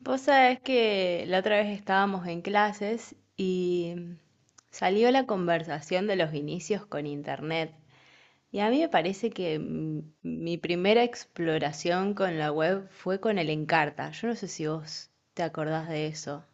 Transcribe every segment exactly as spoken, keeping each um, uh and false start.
Vos sabés que la otra vez estábamos en clases y salió la conversación de los inicios con Internet. Y a mí me parece que mm, mi primera exploración con la web fue con el Encarta. Yo no sé si vos te acordás de eso.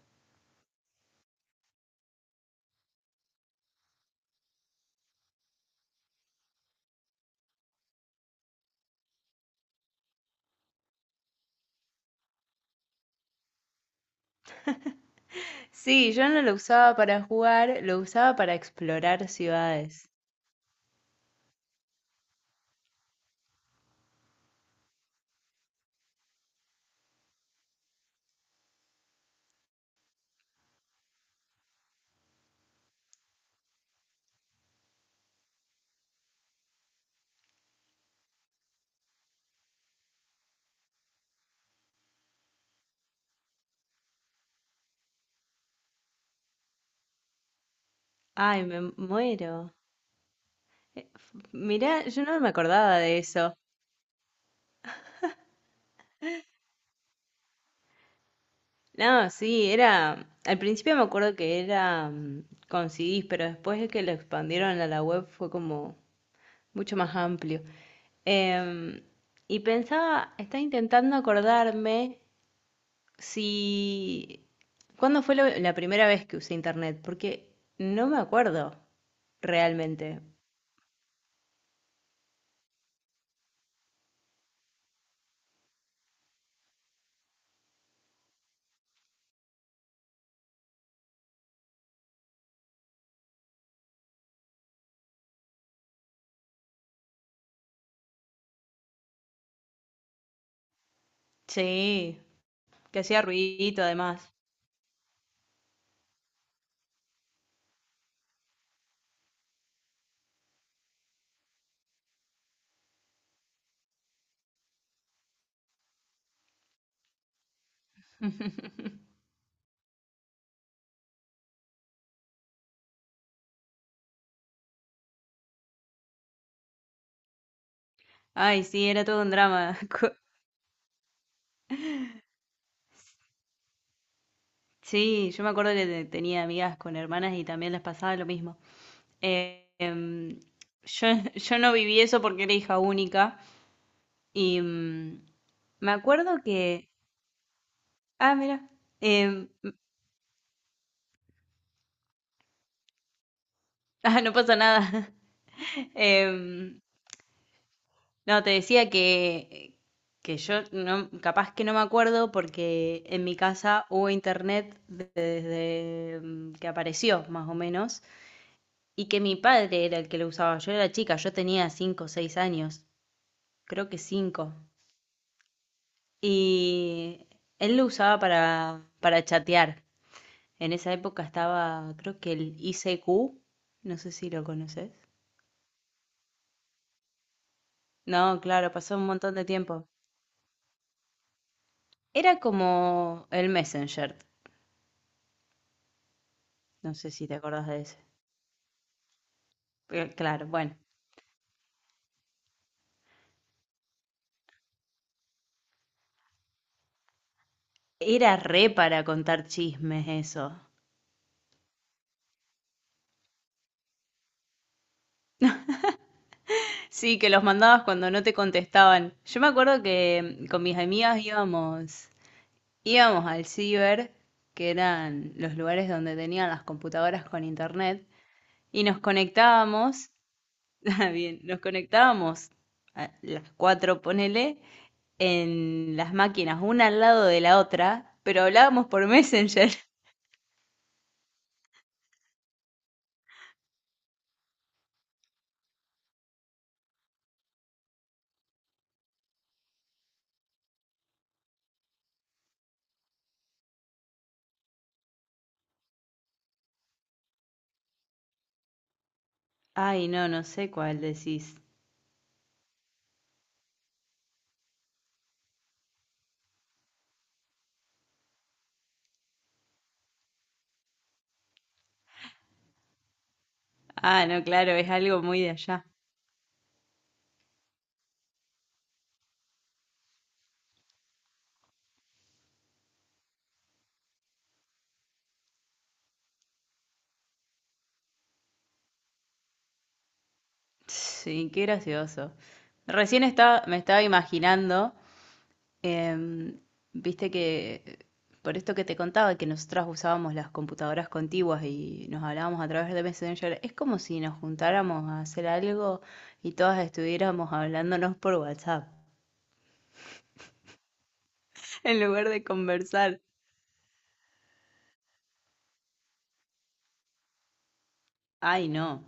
Sí, yo no lo usaba para jugar, lo usaba para explorar ciudades. Ay, me muero. Eh, f- Mirá, yo no me acordaba de eso. No, sí, era. Al principio me acuerdo que era mm, con C Ds, pero después de que lo expandieron a la web fue como mucho más amplio. Em, y pensaba, estaba intentando acordarme si. ¿Cuándo fue lo- la primera vez que usé internet? Porque no me acuerdo realmente. Sí, que hacía ruidito además. Ay, sí, era todo un drama. Co- Sí, yo me acuerdo que te- tenía amigas con hermanas y también les pasaba lo mismo. Eh, em, yo, yo no viví eso porque era hija única y mm, me acuerdo que... Ah, mira. em, ah, no pasa nada. Em, no, te decía que, que yo no, capaz que no me acuerdo porque en mi casa hubo internet de- desde mm, que apareció, más o menos, y que mi padre era el que lo usaba. Yo era chica, yo tenía cinco o seis años, creo que cinco. Y él lo usaba para, para chatear. En esa época estaba, creo que el I C Q, no sé si lo conoces. No, claro, pasó un montón de tiempo. Era como el Messenger, no sé si te acordás de ese. Eh, Claro, bueno. Era re para contar chismes eso. Sí, que los mandabas cuando no te contestaban. Yo me acuerdo que mm, con mis amigas íbamos, íbamos al ciber, que eran los lugares donde tenían las computadoras con internet. Y nos conectábamos, ah, bien, nos conectábamos a las cuatro, ponele, en las máquinas, una al lado de la otra, pero hablábamos por Messenger. Ay, no, no sé cuál decís. Ah, no, claro, es algo muy de allá. Sí, qué gracioso. Recién estaba, me estaba imaginando. Em, viste que por esto que te contaba, que nosotras usábamos las computadoras contiguas y nos hablábamos a través de Messenger, es como si nos juntáramos a hacer algo y todas estuviéramos hablándonos por WhatsApp, en lugar de conversar. Ay, no.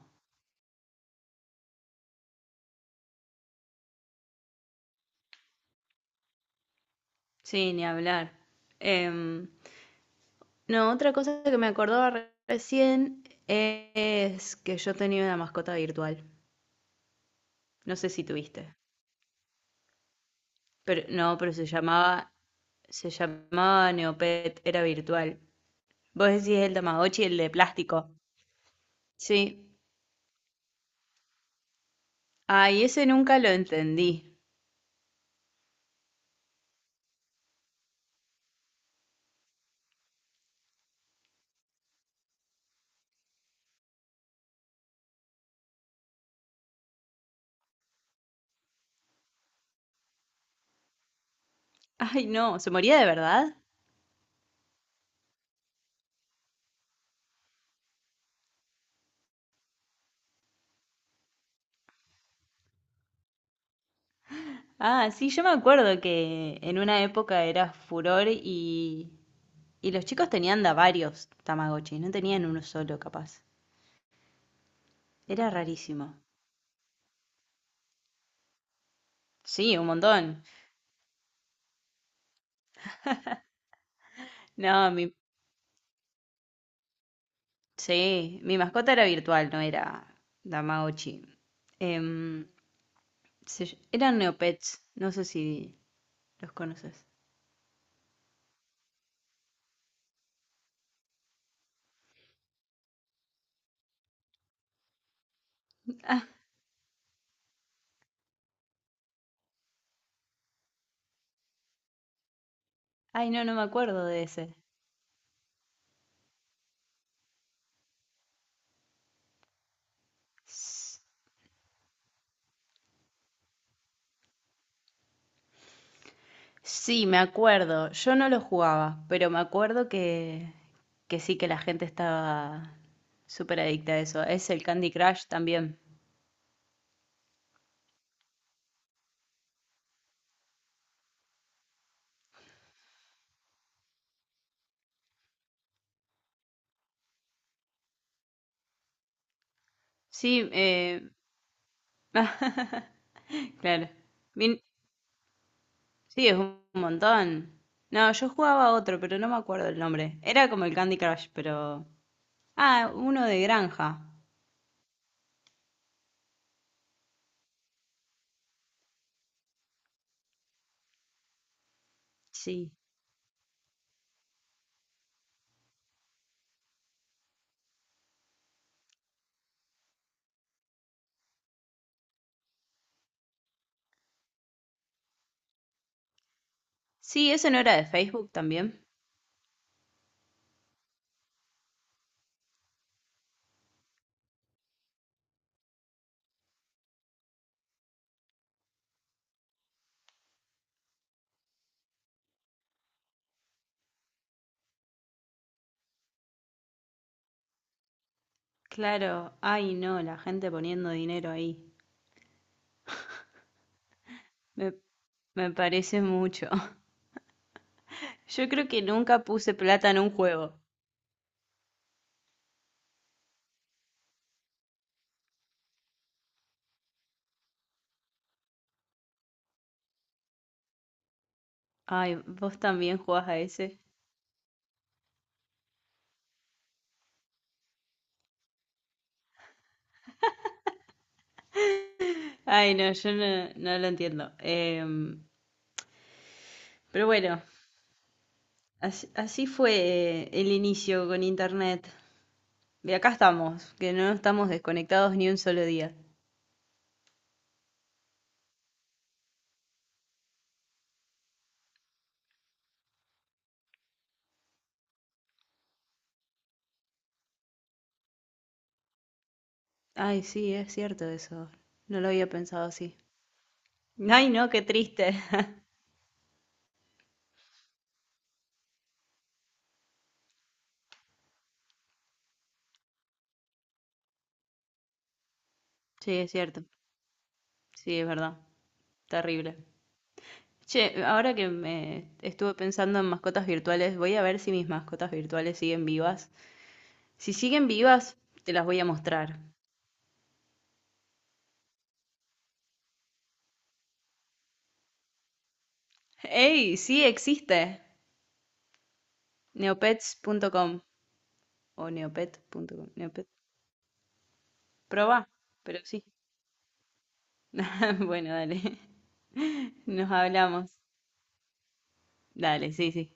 Sí, ni hablar. Em, no, otra cosa que me acordaba re- recién es que yo tenía una mascota virtual. No sé si tuviste. Pero no, pero se llamaba, se llamaba Neopet, era virtual. Vos decís el Tamagotchi, el de plástico. Sí. Ay, ese nunca lo entendí. Ay, no, ¿se moría de verdad? Ah, sí, yo me acuerdo que en una época era furor y, y los chicos tenían da varios Tamagotchis, no tenían uno solo capaz. Era rarísimo. Sí, un montón. No, mi, sí, mi mascota era virtual, no era Tamagotchi. Em, se ll- eran Neopets, no sé si los conoces. Ah, ay, no, no me acuerdo de ese. S- Sí, me acuerdo. Yo no lo jugaba, pero me acuerdo que, que sí que la gente estaba súper adicta a eso. Es el Candy Crush también. Sí, eh... claro. Min- Sí, es un montón. No, yo jugaba otro, pero no me acuerdo el nombre. Era como el Candy Crush, pero... Ah, uno de granja. Sí. Sí, ¿eso no era de Facebook también? Claro. Ay, no, la gente poniendo dinero ahí. Me, me parece mucho. Yo creo que nunca puse plata en un juego. Ay, vos también jugás a ese. Ay, no, yo no, no lo entiendo. Em, pero bueno, así, así fue eh, el inicio con internet. Y acá estamos, que no estamos desconectados ni un solo día. Ay, sí, es cierto eso. No lo había pensado así. Ay, no, qué triste. Sí, es cierto. Sí, es verdad. Terrible. Che, ahora que me estuve pensando en mascotas virtuales, voy a ver si mis mascotas virtuales siguen vivas. Si siguen vivas, te las voy a mostrar. ¡Ey! Sí existe. neopets punto com o neopet punto com. Neopet. Proba, pero sí. bueno, dale. Nos hablamos. Dale, sí, sí.